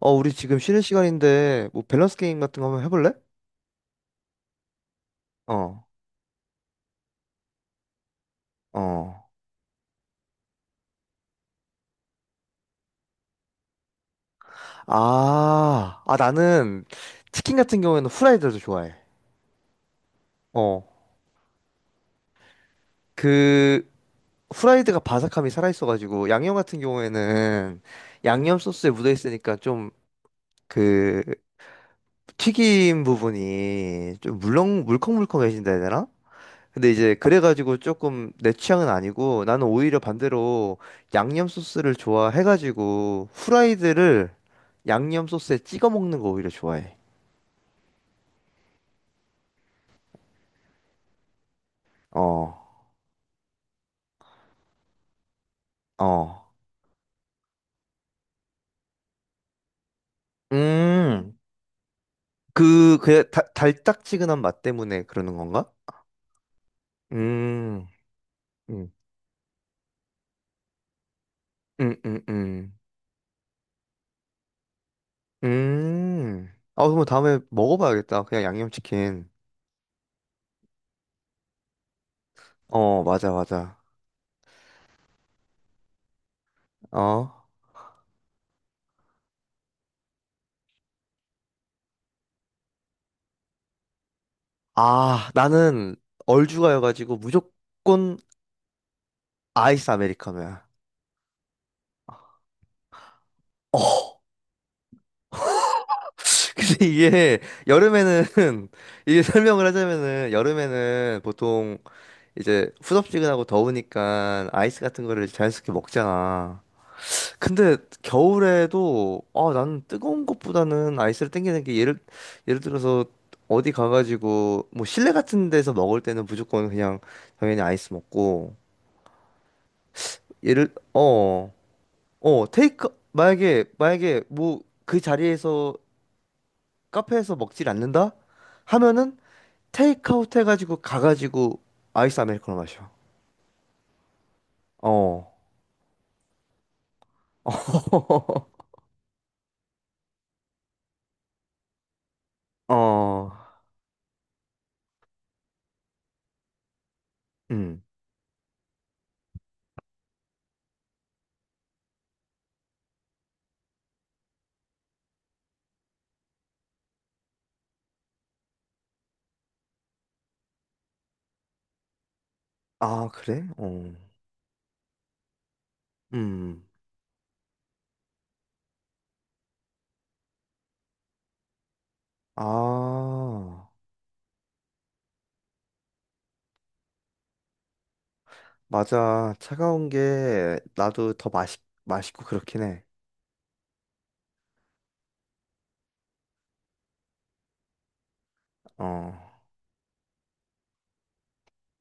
어, 우리 지금 쉬는 시간인데, 뭐, 밸런스 게임 같은 거 한번 해볼래? 어, 어. 아, 아, 나는 치킨 같은 경우에는 후라이드를 더 좋아해. 어, 그, 후라이드가 바삭함이 살아있어가지고, 양념 같은 경우에는 양념 소스에 묻어있으니까 좀, 그, 튀김 부분이 좀 물컹물컹해진다 해야 되나? 근데 이제 그래가지고 조금 내 취향은 아니고 나는 오히려 반대로 양념 소스를 좋아해가지고 후라이드를 양념 소스에 찍어 먹는 거 오히려 좋아해. 어, 어. 음, 그 달짝지근한 맛 때문에 그러는 건가? 음, 음, 음, 음, 음. 음. 아, 그럼 다음에 먹어봐야겠다. 그냥 양념치킨. 어, 맞아, 맞아. 어. 아, 나는 얼죽아여가지고 무조건 아이스 아메리카노야. 어. 근데 이게 여름에는 이게 설명을 하자면은 여름에는 보통 이제 후덥지근하고 더우니까 아이스 같은 거를 자연스럽게 먹잖아. 근데 겨울에도 아 나는 뜨거운 것보다는 아이스를 땡기는 게 예를 들어서 어디 가가지고 뭐 실내 같은 데서 먹을 때는 무조건 그냥 당연히 아이스 먹고 예를 어 어 테이크 만약에 뭐 그 자리에서 카페에서 먹질 않는다? 하면은 테이크아웃 해가지고 가가지고 아이스 아메리카노 마셔. 어. 어. 음. 아, 그래? 어. 음. 아. 맞아. 차가운 게 나도 더 맛있 맛있고 그렇긴 해. 어.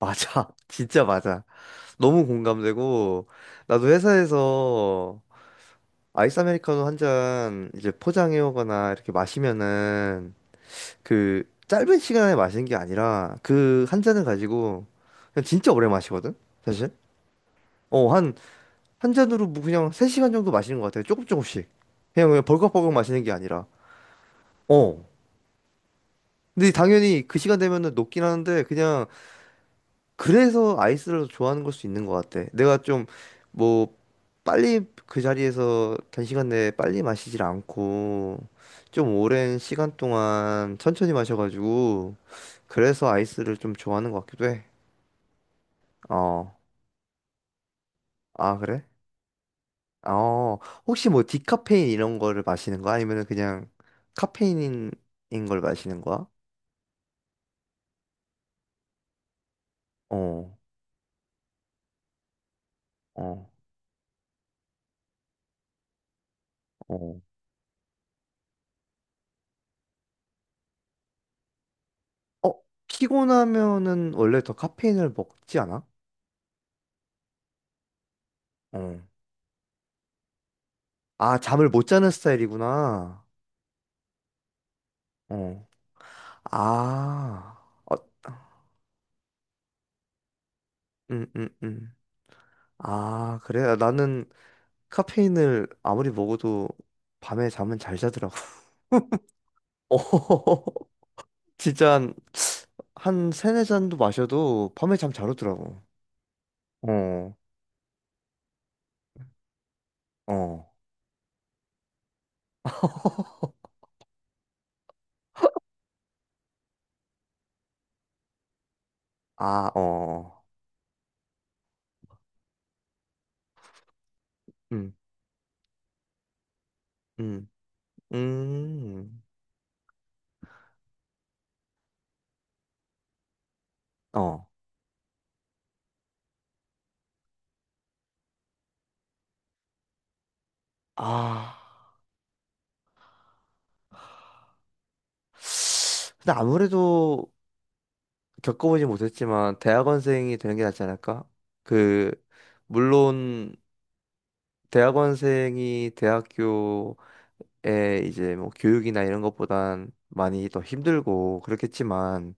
맞아. 진짜 맞아. 너무 공감되고 나도 회사에서 아이스 아메리카노 한 잔 이제 포장해 오거나 이렇게 마시면은 그 짧은 시간에 마시는 게 아니라 그 한 잔을 가지고 그냥 진짜 오래 마시거든 사실 어 한 한 잔으로 뭐 그냥 3시간 정도 마시는 것 같아요 조금 조금씩 그냥 벌컥벌컥 마시는 게 아니라 어 근데 당연히 그 시간 되면은 녹긴 하는데 그냥 그래서 아이스를 좋아하는 걸 수 있는 것 같아 내가 좀 뭐 빨리 그 자리에서 단시간 내에 빨리 마시질 않고 좀 오랜 시간 동안 천천히 마셔가지고 그래서 아이스를 좀 좋아하는 것 같기도 해 어. 아, 그래? 어. 혹시 뭐 디카페인 이런 거를 마시는 거야? 아니면은 그냥 카페인인 걸 마시는 거야? 어. 어. 어. 어, 피곤하면은 원래 더 카페인을 먹지 않아? 어. 아, 잠을 못 자는 스타일이구나. 어. 아. 어, 음, 음, 음. 아, 그래? 나는 카페인을 아무리 먹어도 밤에 잠은 잘 자더라고. 어. 진짜 한, 한 세네 잔도 마셔도 밤에 잠 잘 오더라고. 어, 어, 아, 어, 어. 음, 음, 음, 어, 아. 근데 아무래도 겪어보지 못했지만 대학원생이 되는 게 낫지 않을까? 그, 물론 대학원생이 대학교에 이제 뭐 교육이나 이런 것보단 많이 더 힘들고 그렇겠지만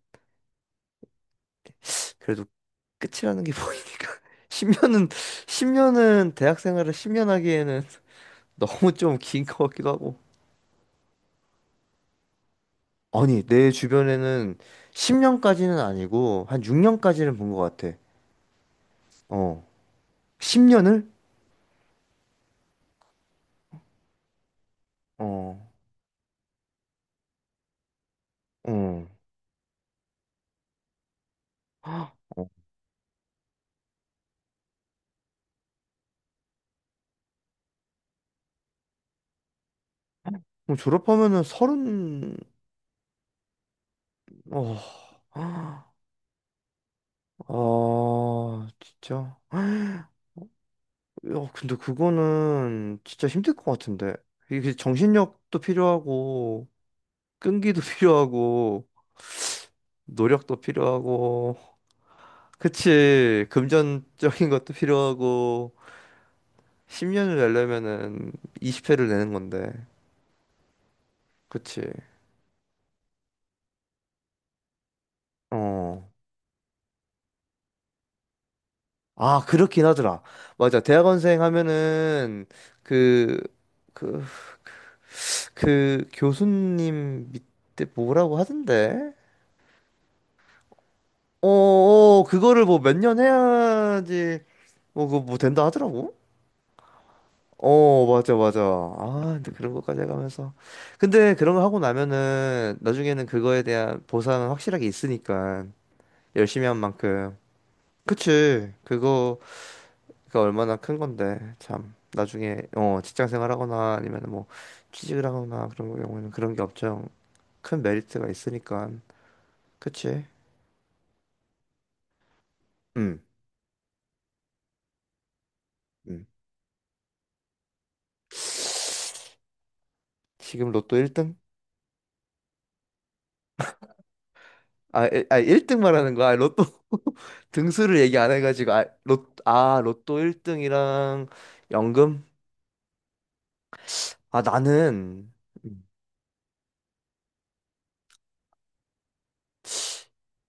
그래도 끝이라는 게 보이니까 10년은 10년은 대학 생활을 10년 하기에는 너무 좀 긴 것 같기도 하고 아니 내 주변에는 10년까지는 아니고 한 6년까지는 본 것 같아 어 10년을 어 어 어. 그럼 졸업하면은 30 어 아, 진짜 야 근데 그거는 진짜 힘들 것 같은데 이게 정신력도 필요하고 끈기도 필요하고 노력도 필요하고, 그치, 금전적인 것도 필요하고, 10년을 내려면은 20회를 내는 건데, 그치. 어. 아, 그렇긴 하더라. 맞아. 대학원생 하면은, 그, 그, 그 교수님 밑에 뭐라고 하던데? 어, 어, 그거를 뭐 몇 년 해야지, 뭐, 그거 뭐 된다 하더라고. 어, 맞아, 맞아. 아, 근데 그런 것까지 해가면서. 근데 그런 거 하고 나면은 나중에는 그거에 대한 보상은 확실하게 있으니까 열심히 한 만큼. 그치. 그거, 그 얼마나 큰 건데. 참. 나중에, 어, 직장 생활하거나 아니면 뭐 취직을 하거나 그런 경우에는 그런 게 엄청 큰 메리트가 있으니까. 그치. 음, 음. 지금 로또 1등? 아, 아 1등 말하는 거야. 아, 로또 등수를 얘기 안 해가지고 아, 아 로또 1등이랑 연금? 아 나는 음,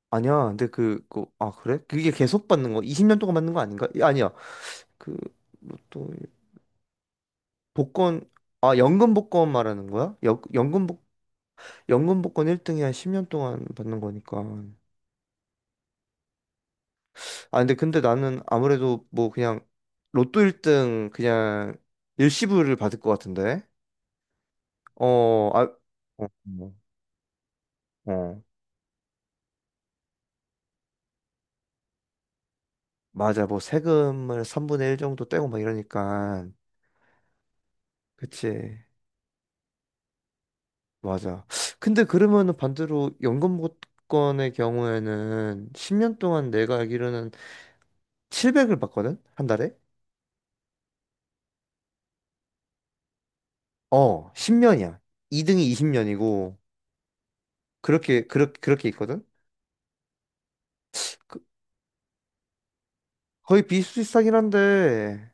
아니야. 근데 아 그래? 그게 계속 받는 거? 20년 동안 받는 거 아닌가? 아니야. 그 로또 일- 복권 아 연금 복권 말하는 거야? 연 연금 복 연금 복권 1등이 한 10년 동안 받는 거니까. 아 근데 나는 아무래도 뭐 그냥 로또 1등 그냥 일시불을 받을 것 같은데. 어, 아, 어, 뭐, 어. 맞아. 뭐 세금을 3분의 1 정도 떼고 막 이러니까. 그치. 맞아. 근데 그러면은 반대로 연금보건의 경우에는 10년 동안 내가 알기로는 700을 받거든? 한 달에? 어, 10년이야. 2등이 20년이고, 그렇게 있거든? 그, 거의 비슷비슷하긴 한데,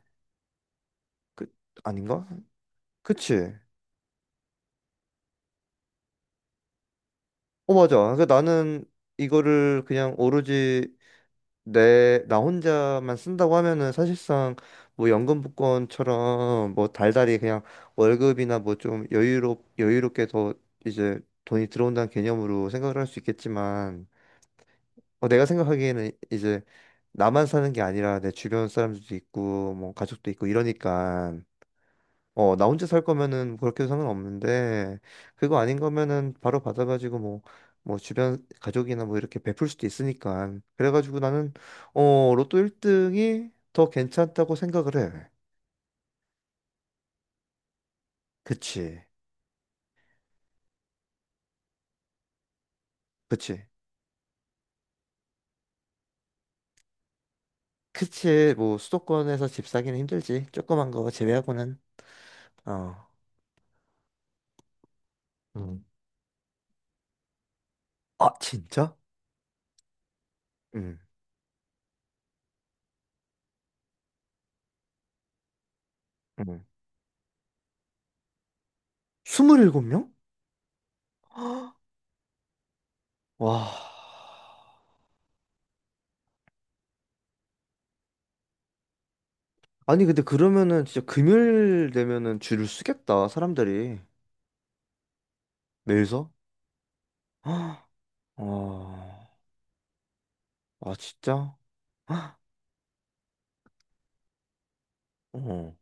그, 아닌가? 그치. 어, 맞아. 그러니까 나는 이거를 그냥 오로지 나 혼자만 쓴다고 하면은 사실상 뭐 연금 복권처럼 뭐 달달이 그냥 월급이나 뭐 좀 여유롭게 더 이제 돈이 들어온다는 개념으로 생각을 할 수 있겠지만 어, 내가 생각하기에는 이제 나만 사는 게 아니라 내 주변 사람들도 있고 뭐 가족도 있고 이러니까 어, 나 혼자 살 거면은 그렇게도 상관없는데, 그거 아닌 거면은 바로 받아가지고 뭐, 뭐 주변 가족이나 뭐 이렇게 베풀 수도 있으니까. 그래가지고 나는, 어, 로또 1등이 더 괜찮다고 생각을 해. 그치. 그치. 그치. 뭐 수도권에서 집 사기는 힘들지. 조그만 거 제외하고는. 어. 음. 아, 진짜? 응. 응. 27명? 와. 아니, 근데 그러면은 진짜 금요일 되면은 줄을 쓰겠다, 사람들이. 매일서? 아, 아 진짜? 헉, 어,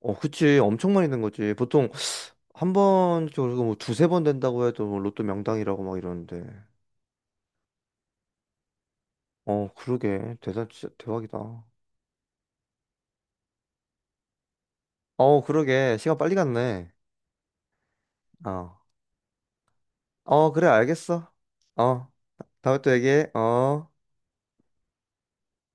어, 그치. 엄청 많이 된 거지. 보통 한 번, 그리고 뭐 두세 번 된다고 해도 뭐 로또 명당이라고 막 이러는데. 어, 그러게. 대단, 진짜 대박이다. 어, 그러게. 시간 빨리 갔네. 어. 어, 그래, 알겠어. 어, 다음에 또 얘기해. 어.